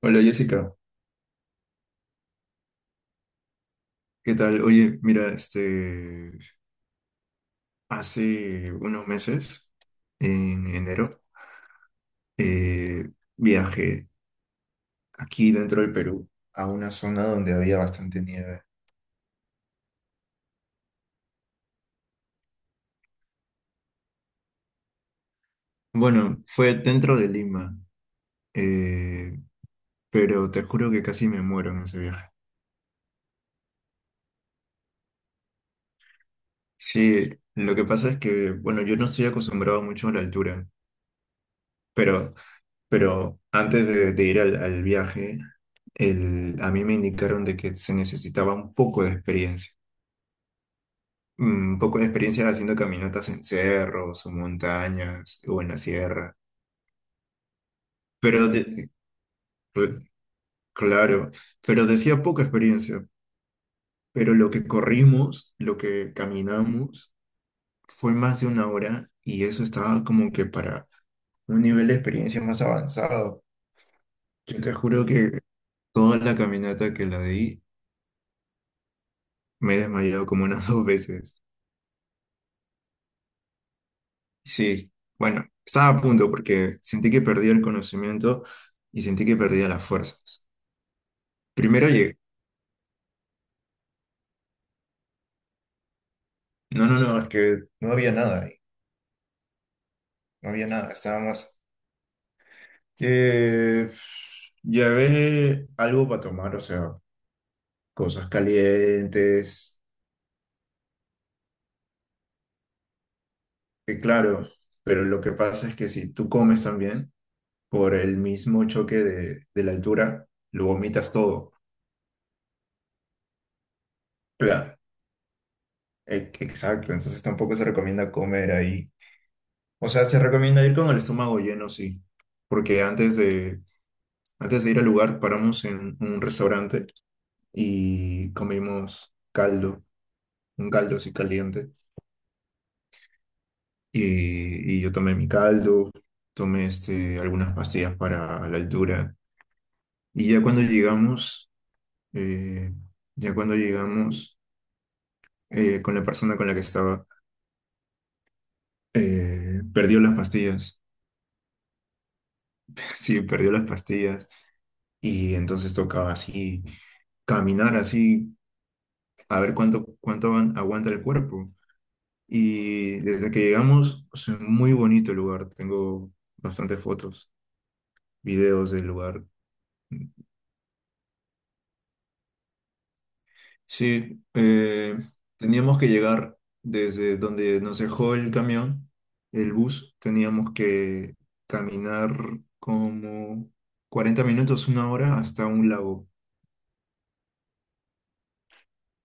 Hola Jessica, ¿qué tal? Oye, mira, este, hace unos meses, en enero, eh, viajé aquí dentro del Perú a una zona donde había bastante nieve. Bueno, fue dentro de Lima, eh, pero te juro que casi me muero en ese viaje. Sí, lo que pasa es que, bueno, yo no estoy acostumbrado mucho a la altura, pero Pero antes de ir al viaje, a mí me indicaron de que se necesitaba un poco de experiencia. Mm. Un poco de experiencia haciendo caminatas en cerros o montañas o en la sierra. Pero, cl- claro, pero decía poca experiencia. Pero lo que corrimos, lo que caminamos, fue más de una hora y eso estaba como que para un nivel de experiencia más avanzado. Yo te juro que toda la caminata que la di, me he desmayado como unas dos veces. Sí, bueno, estaba a punto porque sentí que perdía el conocimiento y sentí que perdía las fuerzas. Primero llegué. No, no, no, es que no había nada ahí. No había nada, estaba más. Eh, llevé algo para tomar, o sea, cosas calientes, claro, pero lo que pasa es que si tú comes también, por el mismo choque de la altura, lo vomitas todo. Claro. Exacto, entonces tampoco se recomienda comer ahí. O sea, se recomienda ir con el estómago lleno, sí, porque antes de, ir al lugar paramos en un restaurante y comimos caldo, un caldo así caliente. Y yo tomé mi caldo, tomé este, algunas pastillas para la altura. Y ya cuando llegamos, eh, ya cuando llegamos, con la persona con la que estaba, perdió las pastillas. Sí, perdió las pastillas. Y entonces tocaba así, caminar así, a ver cuánto aguanta el cuerpo. Y desde que llegamos, es un muy bonito el lugar. Tengo bastantes fotos, videos del lugar. Sí, teníamos que llegar desde donde nos dejó el camión, el bus. Teníamos que caminar como 40 minutos, una hora, hasta un lago.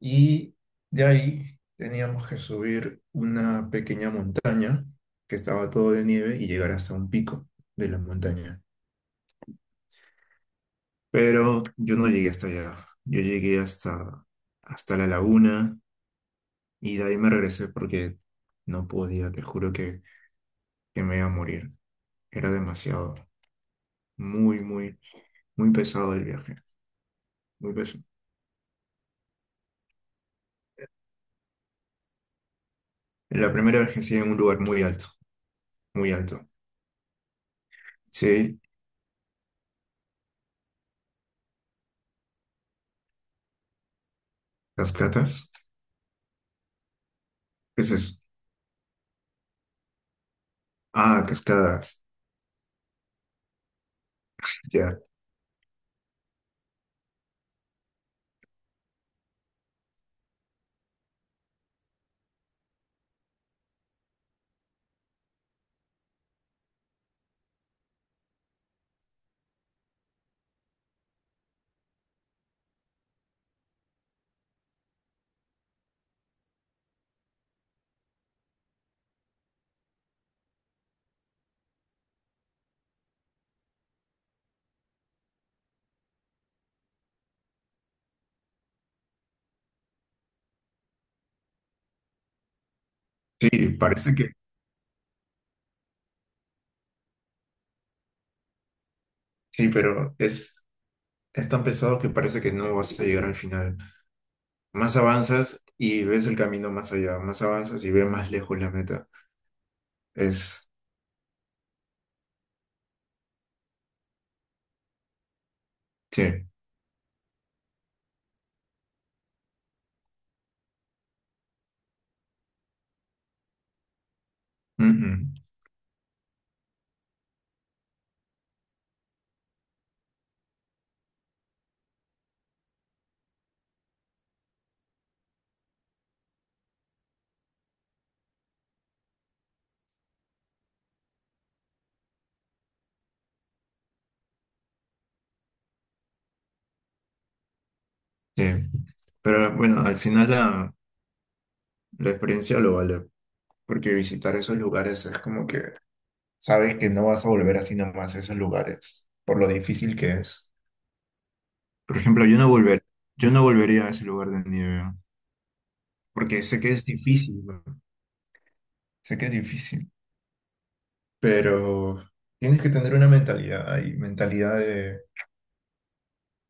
Y de ahí teníamos que subir una pequeña montaña que estaba todo de nieve y llegar hasta un pico de la montaña. Pero yo no llegué hasta allá. Yo llegué hasta, la laguna y de ahí me regresé porque no podía, te juro que me iba a morir. Era demasiado, muy, muy, muy pesado el viaje. Muy pesado. La primera vez que estuve en un lugar muy alto, muy alto. Sí, cascadas. ¿Qué es eso? Ah, cascadas. Ya. Sí, parece que sí, pero es, tan pesado que parece que no vas a llegar al final. Más avanzas y ves el camino más allá, más avanzas y ves más lejos la meta. Es, sí, mm, mm, sí. Pero bueno, al final la experiencia lo vale, porque visitar esos lugares es como que sabes que no vas a volver así nomás a esos lugares, por lo difícil que es. Por ejemplo, yo no volvería a ese lugar de nieve, porque sé que es difícil, ¿no? Sé que es difícil. Pero tienes que tener una mentalidad ahí,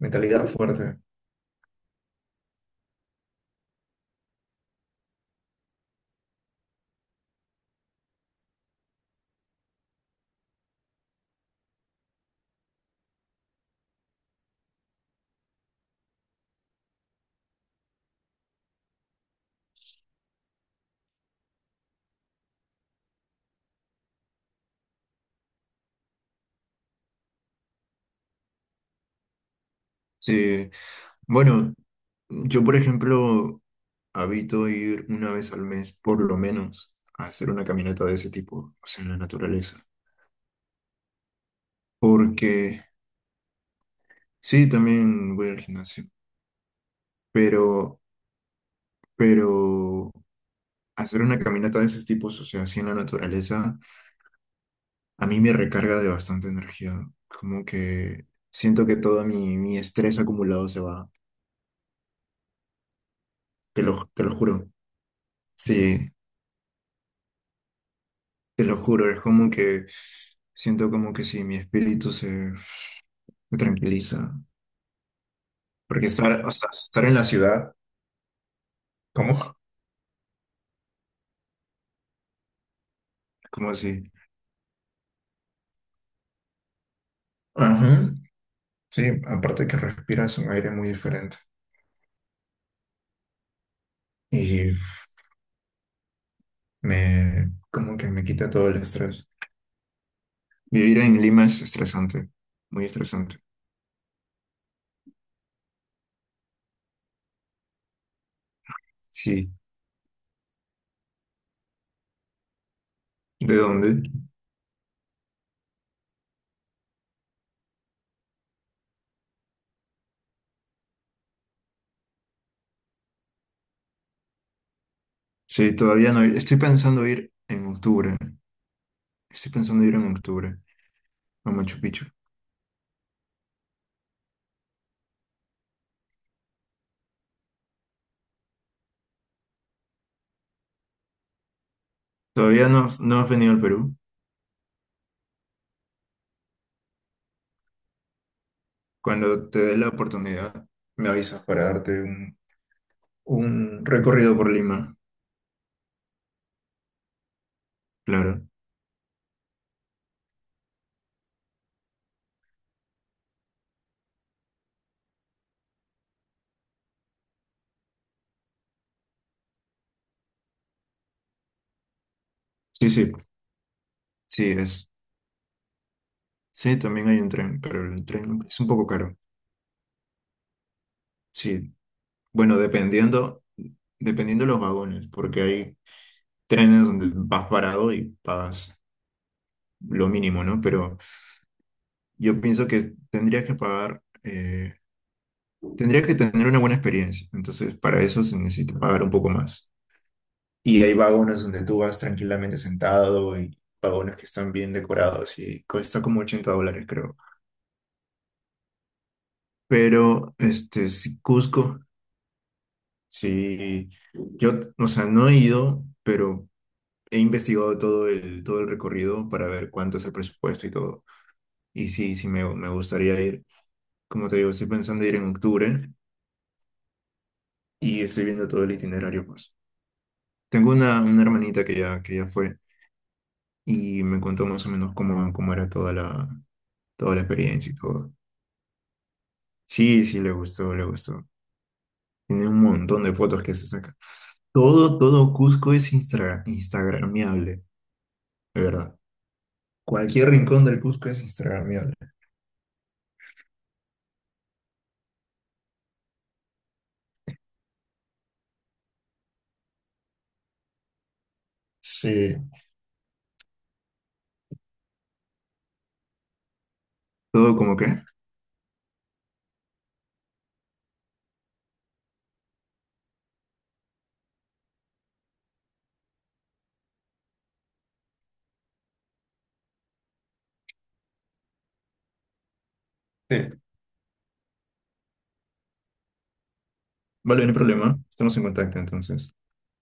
mentalidad fuerte. Sí, bueno, yo por ejemplo habito ir una vez al mes por lo menos a hacer una caminata de ese tipo, o sea, en la naturaleza, porque sí, también voy al gimnasio, pero, pero, hacer una caminata de esos tipos, o sea, así en la naturaleza, a mí me recarga de bastante energía, como que siento que todo mi, estrés acumulado se va. te lo juro. Sí, te lo juro. Es como que siento como que sí, mi espíritu se tranquiliza. Porque estar, o sea, estar en la ciudad, ¿cómo? ¿Cómo así? Ajá. Sí, aparte que respiras un aire muy diferente. Y me, como que me quita todo el estrés. Vivir en Lima es estresante, muy estresante. Sí. ¿De dónde? Sí, todavía no. Estoy pensando ir en octubre. Estoy pensando ir en octubre a Machu Picchu. Todavía no, no has venido al Perú. Cuando te dé la oportunidad, me avisas para darte un, recorrido por Lima. Claro. Sí, sí, sí, es. Sí, también hay un tren, pero el tren es un poco caro. Sí, bueno, dependiendo de los vagones, porque hay trenes donde vas parado y pagas lo mínimo, ¿no? Pero yo pienso que tendrías que pagar, tendrías que tener una buena experiencia. Entonces, para eso se necesita pagar un poco más. Y hay vagones donde tú vas tranquilamente sentado y vagones que están bien decorados y cuesta como $80, creo. Pero, este, sí, Cusco, sí, yo, o sea, no he ido, pero he investigado todo el, recorrido para ver cuánto es el presupuesto y todo. Y sí, sí, me gustaría ir. Como te digo, estoy pensando ir en octubre y estoy viendo todo el itinerario, pues. Tengo una, hermanita que ya fue y me contó más o menos cómo, era toda la experiencia y todo. Sí, sí, le gustó, le gustó. Tiene un montón de fotos que se saca. Todo Cusco es instagramiable, de verdad. Cualquier rincón del Cusco es instagramiable. Sí, todo como que. Sí. Vale, no hay problema. Estamos en contacto entonces.